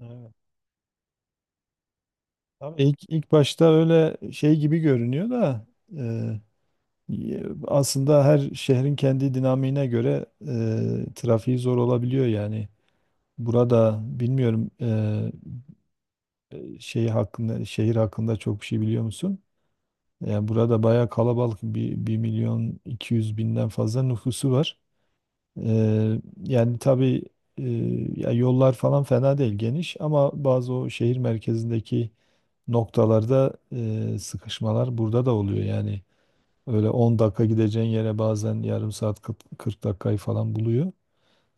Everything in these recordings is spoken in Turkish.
Evet. Tabii ilk başta öyle şey gibi görünüyor da e, aslında her şehrin kendi dinamiğine göre trafiği zor olabiliyor yani. Burada bilmiyorum şey hakkında şehir hakkında çok bir şey biliyor musun? Yani burada bayağı kalabalık bir, 1 milyon 200 binden fazla nüfusu var. E, Yani tabii e, ya yollar falan fena değil geniş ama bazı o şehir merkezindeki noktalarda sıkışmalar burada da oluyor. Yani öyle 10 dakika gideceğin yere bazen yarım saat 40 dakikayı falan buluyor.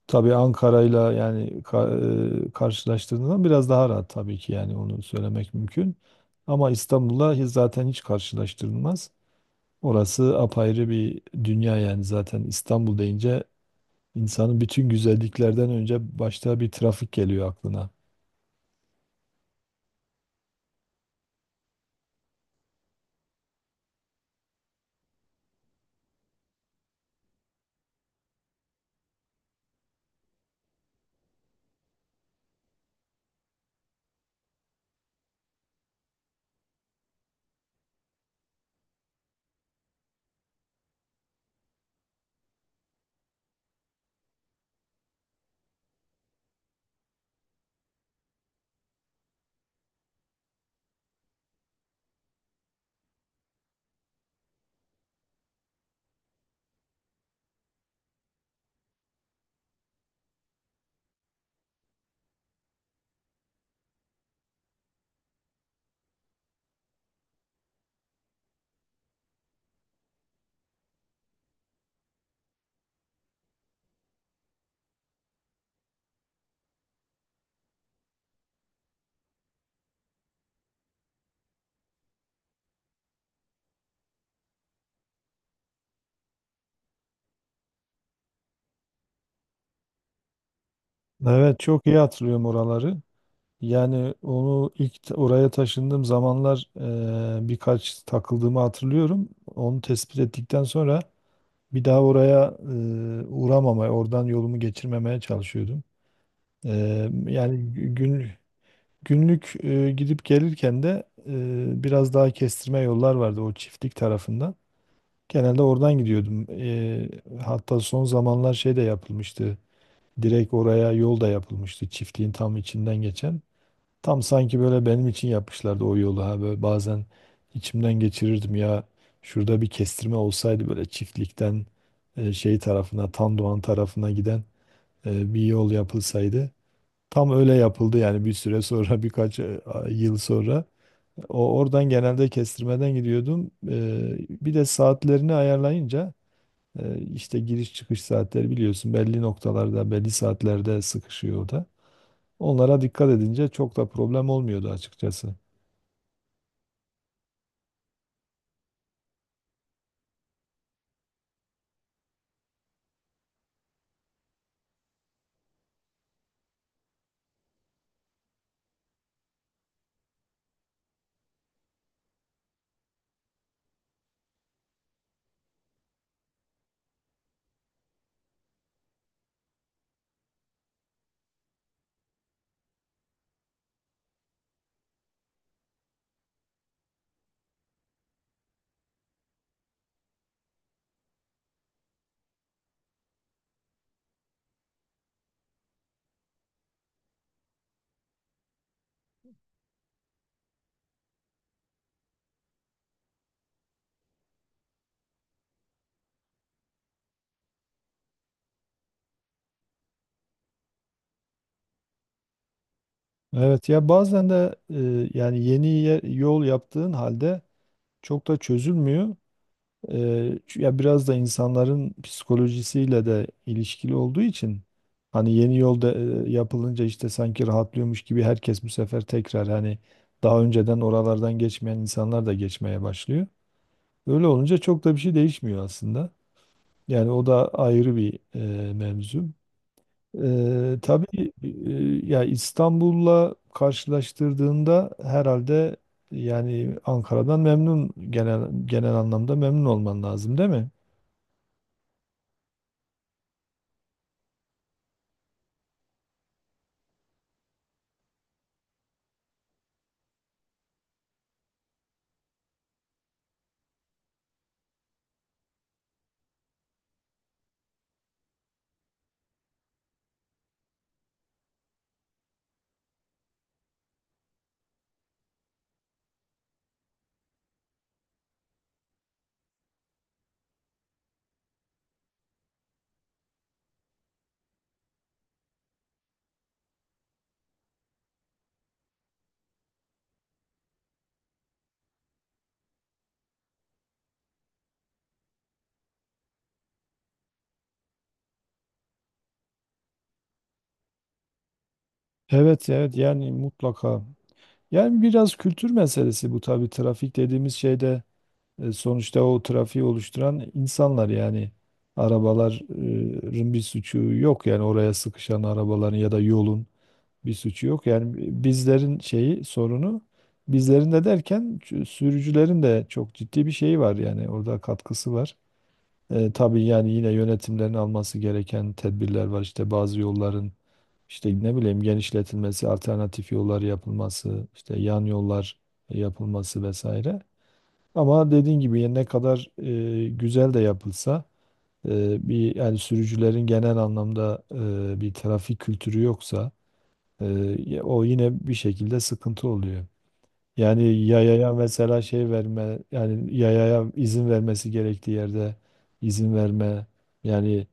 Tabii Ankara'yla yani karşılaştırdığında biraz daha rahat tabii ki yani onu söylemek mümkün. Ama İstanbul'la zaten hiç karşılaştırılmaz. Orası apayrı bir dünya yani zaten İstanbul deyince insanın bütün güzelliklerden önce başta bir trafik geliyor aklına. Evet, çok iyi hatırlıyorum oraları. Yani onu oraya taşındığım zamanlar birkaç takıldığımı hatırlıyorum. Onu tespit ettikten sonra bir daha oraya uğramamaya, oradan yolumu geçirmemeye çalışıyordum. E, yani gü- gün, Günlük gidip gelirken de biraz daha kestirme yollar vardı o çiftlik tarafından. Genelde oradan gidiyordum. Hatta son zamanlar şey de yapılmıştı. Direkt oraya yol da yapılmıştı. Çiftliğin tam içinden geçen. Tam sanki böyle benim için yapmışlardı o yolu. Ha böyle bazen içimden geçirirdim ya. Şurada bir kestirme olsaydı böyle çiftlikten şey tarafına, Tandoğan tarafına giden bir yol yapılsaydı. Tam öyle yapıldı yani bir süre sonra birkaç yıl sonra. O oradan genelde kestirmeden gidiyordum. Bir de saatlerini ayarlayınca işte giriş çıkış saatleri biliyorsun belli noktalarda, belli saatlerde sıkışıyor o da. Onlara dikkat edince çok da problem olmuyordu açıkçası. Evet ya bazen de yani yol yaptığın halde çok da çözülmüyor. E, Ya biraz da insanların psikolojisiyle de ilişkili olduğu için hani yeni yolda yapılınca işte sanki rahatlıyormuş gibi herkes bu sefer tekrar hani daha önceden oralardan geçmeyen insanlar da geçmeye başlıyor. Öyle olunca çok da bir şey değişmiyor aslında. Yani o da ayrı bir mevzu. Tabii ya İstanbul'la karşılaştırdığında herhalde yani Ankara'dan memnun genel anlamda memnun olman lazım değil mi? Evet, evet yani mutlaka. Yani biraz kültür meselesi bu tabii trafik dediğimiz şeyde sonuçta o trafiği oluşturan insanlar yani arabaların bir suçu yok yani oraya sıkışan arabaların ya da yolun. Bir suçu yok. Yani bizlerin şeyi sorunu bizlerin de derken sürücülerin de çok ciddi bir şeyi var yani orada katkısı var. Tabii yani yine yönetimlerin alması gereken tedbirler var. İşte bazı yolların işte ne bileyim genişletilmesi, alternatif yollar yapılması, işte yan yollar yapılması vesaire. Ama dediğin gibi yani ne kadar güzel de yapılsa e, bir yani sürücülerin genel anlamda bir trafik kültürü yoksa ee, o yine bir şekilde sıkıntı oluyor. Yani yayaya mesela şey verme, yani yayaya izin vermesi gerektiği yerde izin verme. Yani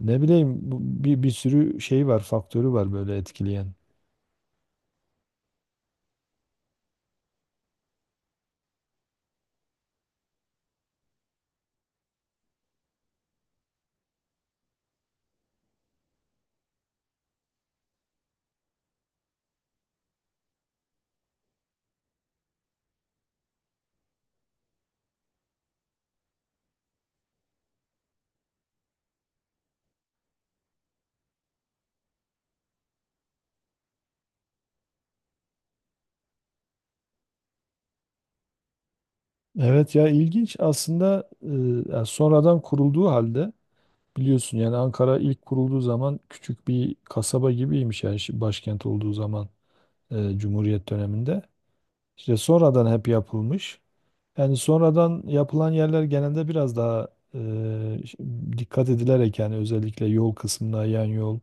ne bileyim bir sürü şey var, faktörü var böyle etkileyen. Evet ya ilginç aslında. Ya sonradan kurulduğu halde biliyorsun yani Ankara ilk kurulduğu zaman küçük bir kasaba gibiymiş yani başkent olduğu zaman, Cumhuriyet döneminde. İşte sonradan hep yapılmış. Yani sonradan yapılan yerler genelde biraz daha e, dikkat edilerek yani özellikle yol kısmına yan yol.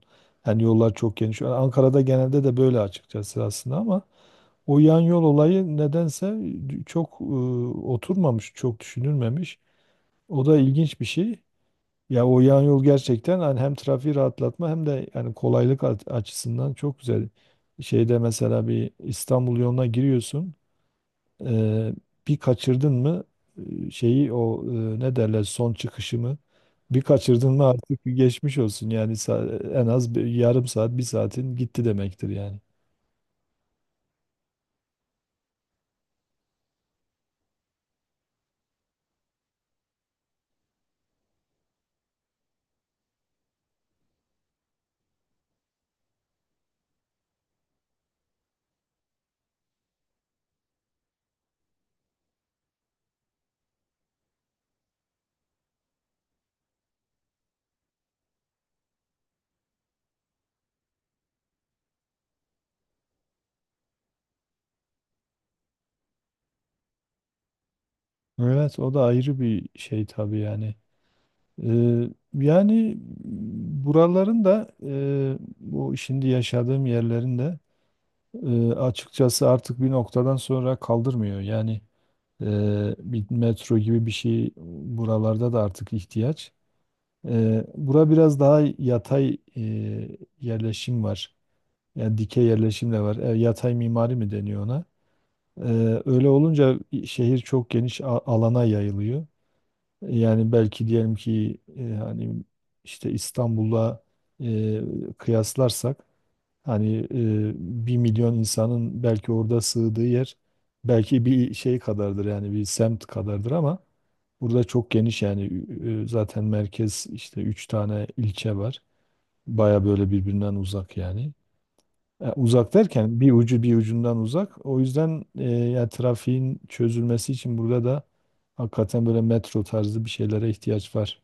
Yani yollar çok geniş. Yani Ankara'da genelde de böyle açıkçası aslında ama o yan yol olayı nedense e, çok e, oturmamış, çok düşünülmemiş. O da ilginç bir şey. Ya o yan yol gerçekten hani hem trafiği rahatlatma hem de yani kolaylık açısından çok güzel. Şeyde mesela bir İstanbul yoluna giriyorsun. Eee, Bir kaçırdın mı şeyi o ne derler son çıkışımı bir kaçırdın mı artık bir geçmiş olsun yani en az bir yarım saat bir saatin gitti demektir yani. Evet o da ayrı bir şey tabii yani. Yani buraların da bu şimdi yaşadığım yerlerin de açıkçası artık bir noktadan sonra kaldırmıyor. Yani e, bir metro gibi bir şey buralarda da artık ihtiyaç. Bura biraz daha yatay yerleşim var. Yani dikey yerleşim de var. E, yatay mimari mi deniyor ona? E, Öyle olunca şehir çok geniş alana yayılıyor. Yani belki diyelim ki hani işte İstanbul'la e, kıyaslarsak hani bir milyon insanın belki orada sığdığı yer belki bir şey kadardır yani bir semt kadardır ama burada çok geniş yani zaten merkez işte üç tane ilçe var. Baya böyle birbirinden uzak yani. Uzak derken bir ucu bir ucundan uzak. O yüzden yani trafiğin çözülmesi için burada da hakikaten böyle metro tarzı bir şeylere ihtiyaç var.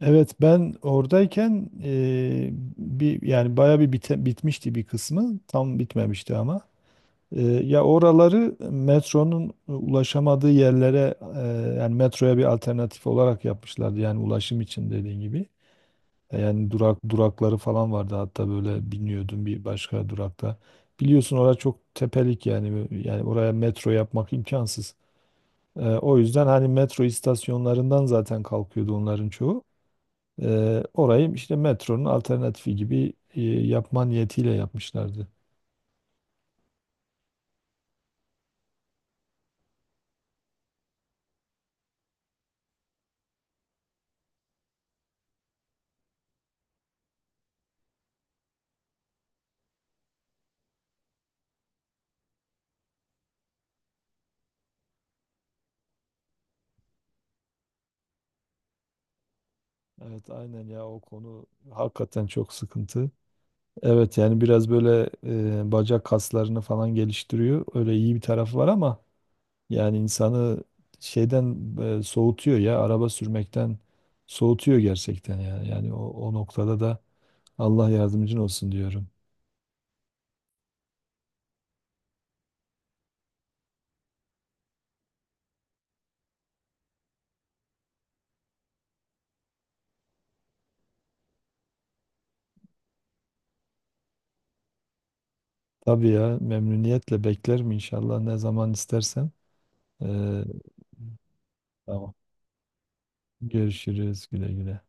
Evet ben oradayken bir yani bayağı bir bitmişti bir kısmı. Tam bitmemişti ama. Ya oraları metronun ulaşamadığı yerlere yani metroya bir alternatif olarak yapmışlardı. Yani ulaşım için dediğin gibi. Yani durakları falan vardı hatta böyle biniyordum bir başka durakta. Biliyorsun orası çok tepelik yani oraya metro yapmak imkansız. O yüzden hani metro istasyonlarından zaten kalkıyordu onların çoğu. Orayı işte metronun alternatifi gibi yapma niyetiyle yapmışlardı. Evet aynen ya o konu hakikaten çok sıkıntı. Evet yani biraz böyle bacak kaslarını falan geliştiriyor. Öyle iyi bir tarafı var ama yani insanı şeyden soğutuyor ya araba sürmekten soğutuyor gerçekten yani. Yani o noktada da Allah yardımcın olsun diyorum. Tabii ya memnuniyetle beklerim inşallah ne zaman istersen. Ee, tamam. Görüşürüz, güle güle.